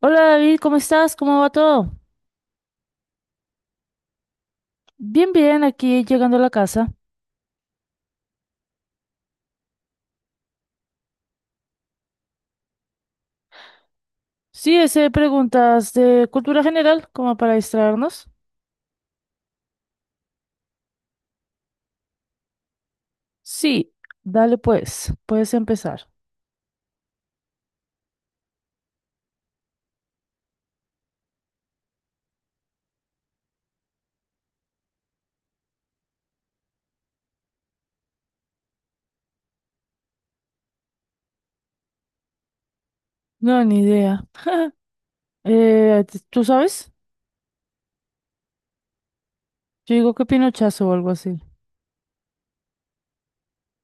Hola David, ¿cómo estás? ¿Cómo va todo? Bien, aquí llegando a la casa. Sí, ese preguntas de cultura general, como para distraernos. Sí, dale pues, puedes empezar. No, ni idea. ¿Tú sabes? Yo digo que Pinochazo o algo así.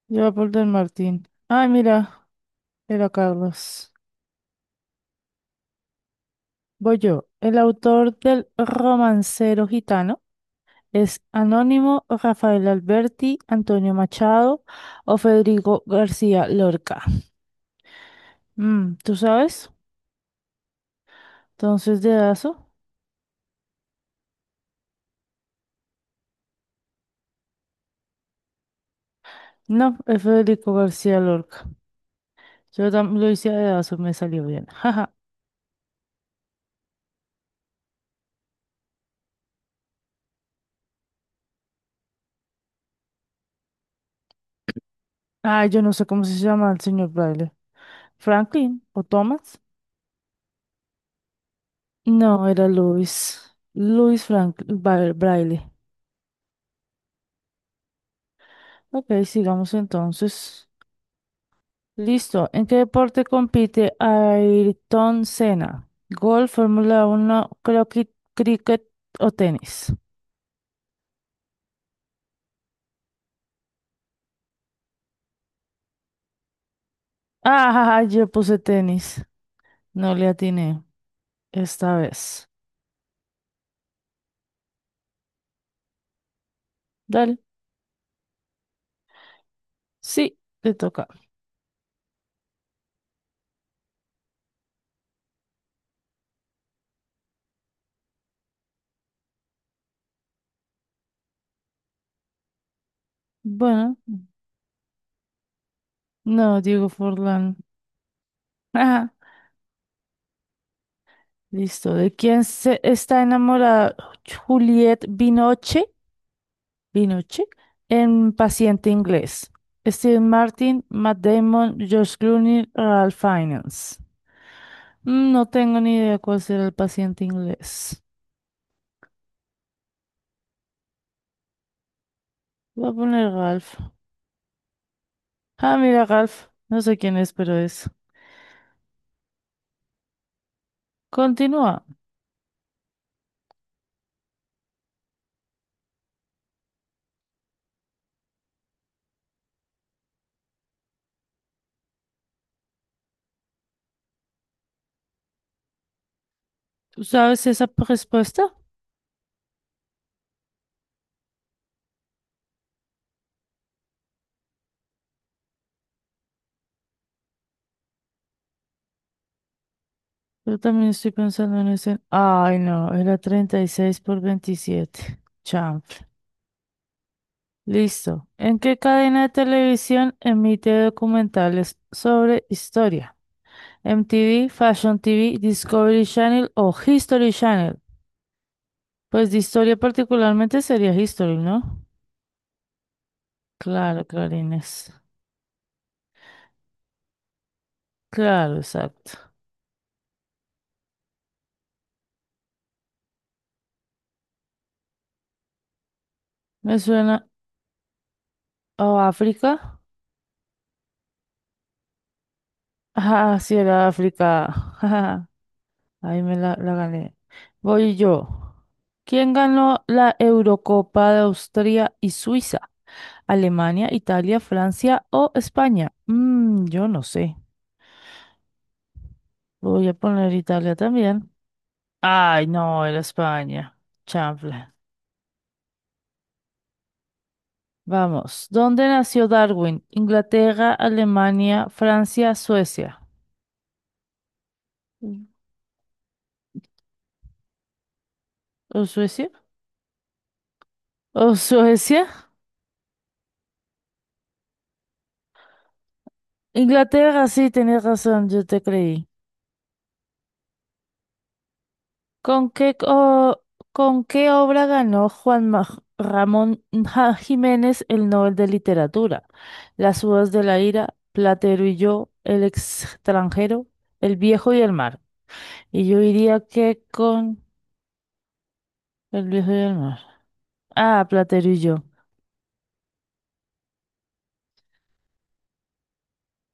Lleva por Del Martín. Ay, mira, era Carlos. Voy yo. El autor del romancero gitano es Anónimo Rafael Alberti, Antonio Machado o Federico García Lorca. ¿Tú sabes? Entonces, dedazo. No, es Federico García Lorca. Yo también lo hice a dedazo, me salió bien. Jaja. Ah, yo no sé cómo se llama el señor Braille. ¿Franklin o Thomas? No, era Luis. Luis Franklin Braille. Ok, sigamos entonces. Listo. ¿En qué deporte compite Ayrton Senna? ¿Golf, Fórmula uno, croquet, cricket o tenis? Ah, yo puse tenis. No le atiné esta vez. Dale. Sí, te toca. Bueno, no, Diego Forlán. Ajá, listo. ¿De quién se está enamorada Juliette Binoche? Binoche, en Paciente Inglés. Steve Martin, Matt Damon, George Clooney, Ralph Fiennes. No tengo ni idea cuál será el paciente inglés. Voy a poner Ralph. Ah, mira, Ralph. No sé quién es, pero es. Continúa. ¿Tú sabes esa respuesta? Yo también estoy pensando en ese. Ay, no, era treinta y seis por 27. Chanfle. Listo. ¿En qué cadena de televisión emite documentales sobre historia? ¿MTV, Fashion TV, Discovery Channel o History Channel? Pues de historia particularmente sería History, ¿no? Claro, Clarines. Claro, exacto. Me suena. ¿O África? Ah, sí, era África. Ahí me la gané. Voy yo. ¿Quién ganó la Eurocopa de Austria y Suiza? ¿Alemania, Italia, Francia o España? Yo no sé. Voy a poner Italia también. Ay, no, era España. Chanfle. Vamos. ¿Dónde nació Darwin? ¿Inglaterra, Alemania, Francia, Suecia? Mm. ¿O Suecia? ¿O Suecia? Inglaterra, sí, tenés razón, yo te creí. ¿Con qué, co- ¿con qué obra ganó Ramón Jiménez el Nobel de Literatura? Las uvas de la ira, Platero y yo, El extranjero, El viejo y el mar. Y yo diría que con El viejo y el mar. Ah, Platero y yo.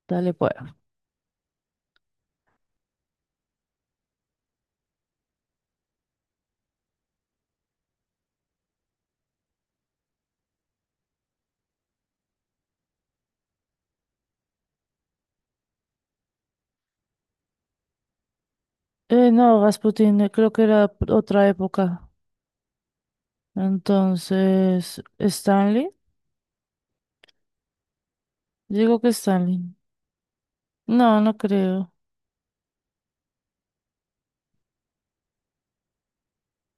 Dale pues. No, Rasputin, creo que era otra época. Entonces, ¿Stanley? Digo que Stanley. No, no creo.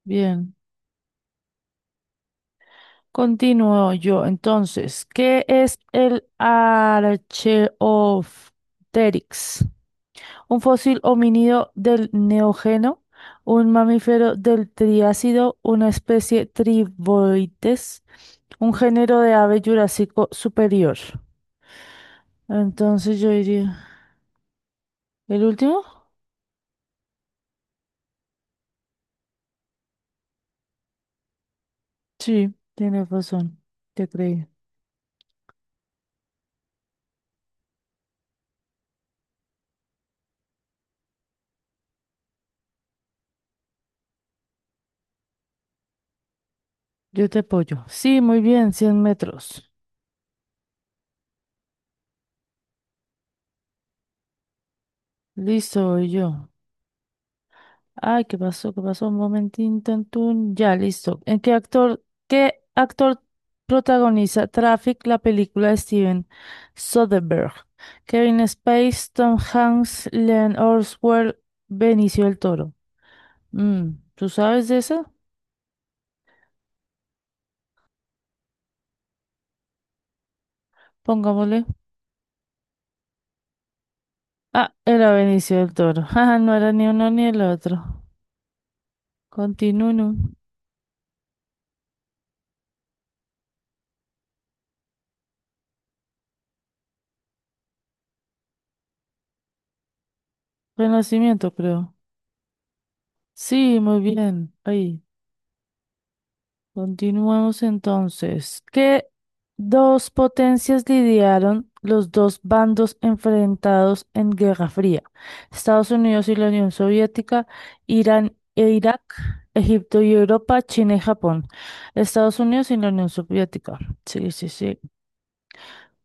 Bien. Continúo yo. Entonces, ¿qué es el Archaeopteryx? Un fósil homínido del Neógeno, un mamífero del Triásico, una especie Triboides, un género de ave jurásico superior. Entonces yo diría, ¿el último? Sí, tienes razón, te creí. Yo te apoyo. Sí, muy bien, 100 metros. Listo, voy yo. Ay, ¿qué pasó? ¿Qué pasó? Un momentín, tantún. Ya, listo. ¿Qué actor protagoniza Traffic, la película de Steven Soderbergh? Kevin Spacey, Tom Hanks, Leon Orwell, Benicio del Toro. ¿Tú sabes de eso? Pongámosle. Ah, era Benicio del Toro. Ajá, no era ni uno ni el otro. Continuo. Renacimiento, creo. Sí, muy bien. Ahí. Continuamos entonces. ¿Qué dos potencias lidiaron los dos bandos enfrentados en Guerra Fría? Estados Unidos y la Unión Soviética, Irán e Irak, Egipto y Europa, China y Japón. Estados Unidos y la Unión Soviética. Sí, sí, sí.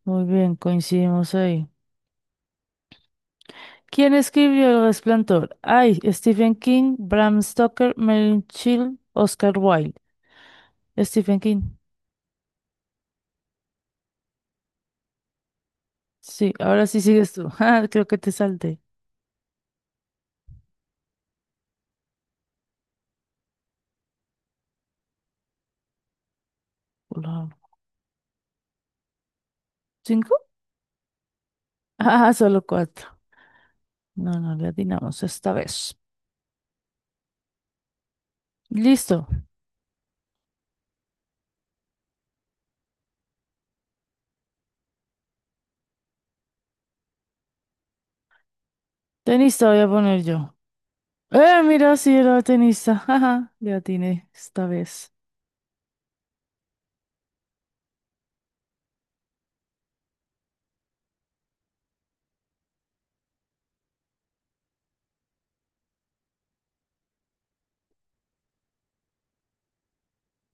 Muy bien, coincidimos ahí. ¿Quién escribió El Resplandor? Ay, Stephen King, Bram Stoker, Merlin Chill, Oscar Wilde. Stephen King. Sí, ahora sí sigues tú. Ah, creo que te salté. Hola. ¿Cinco? Ah, solo cuatro. No, le atinamos esta vez. Listo. Tenista voy a poner yo. Mira, sí era tenista. Jaja, le atiné esta vez.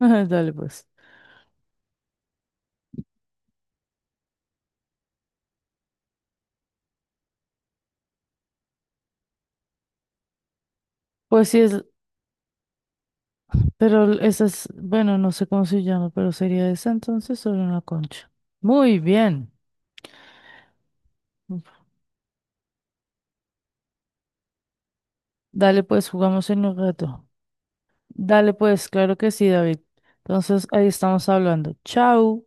Dale, pues. Pues sí, es, pero esa es, bueno, no sé cómo se llama, pero sería esa entonces sobre una concha. Muy bien. Dale, pues, jugamos en un rato. Dale, pues, claro que sí, David. Entonces, ahí estamos hablando. Chao.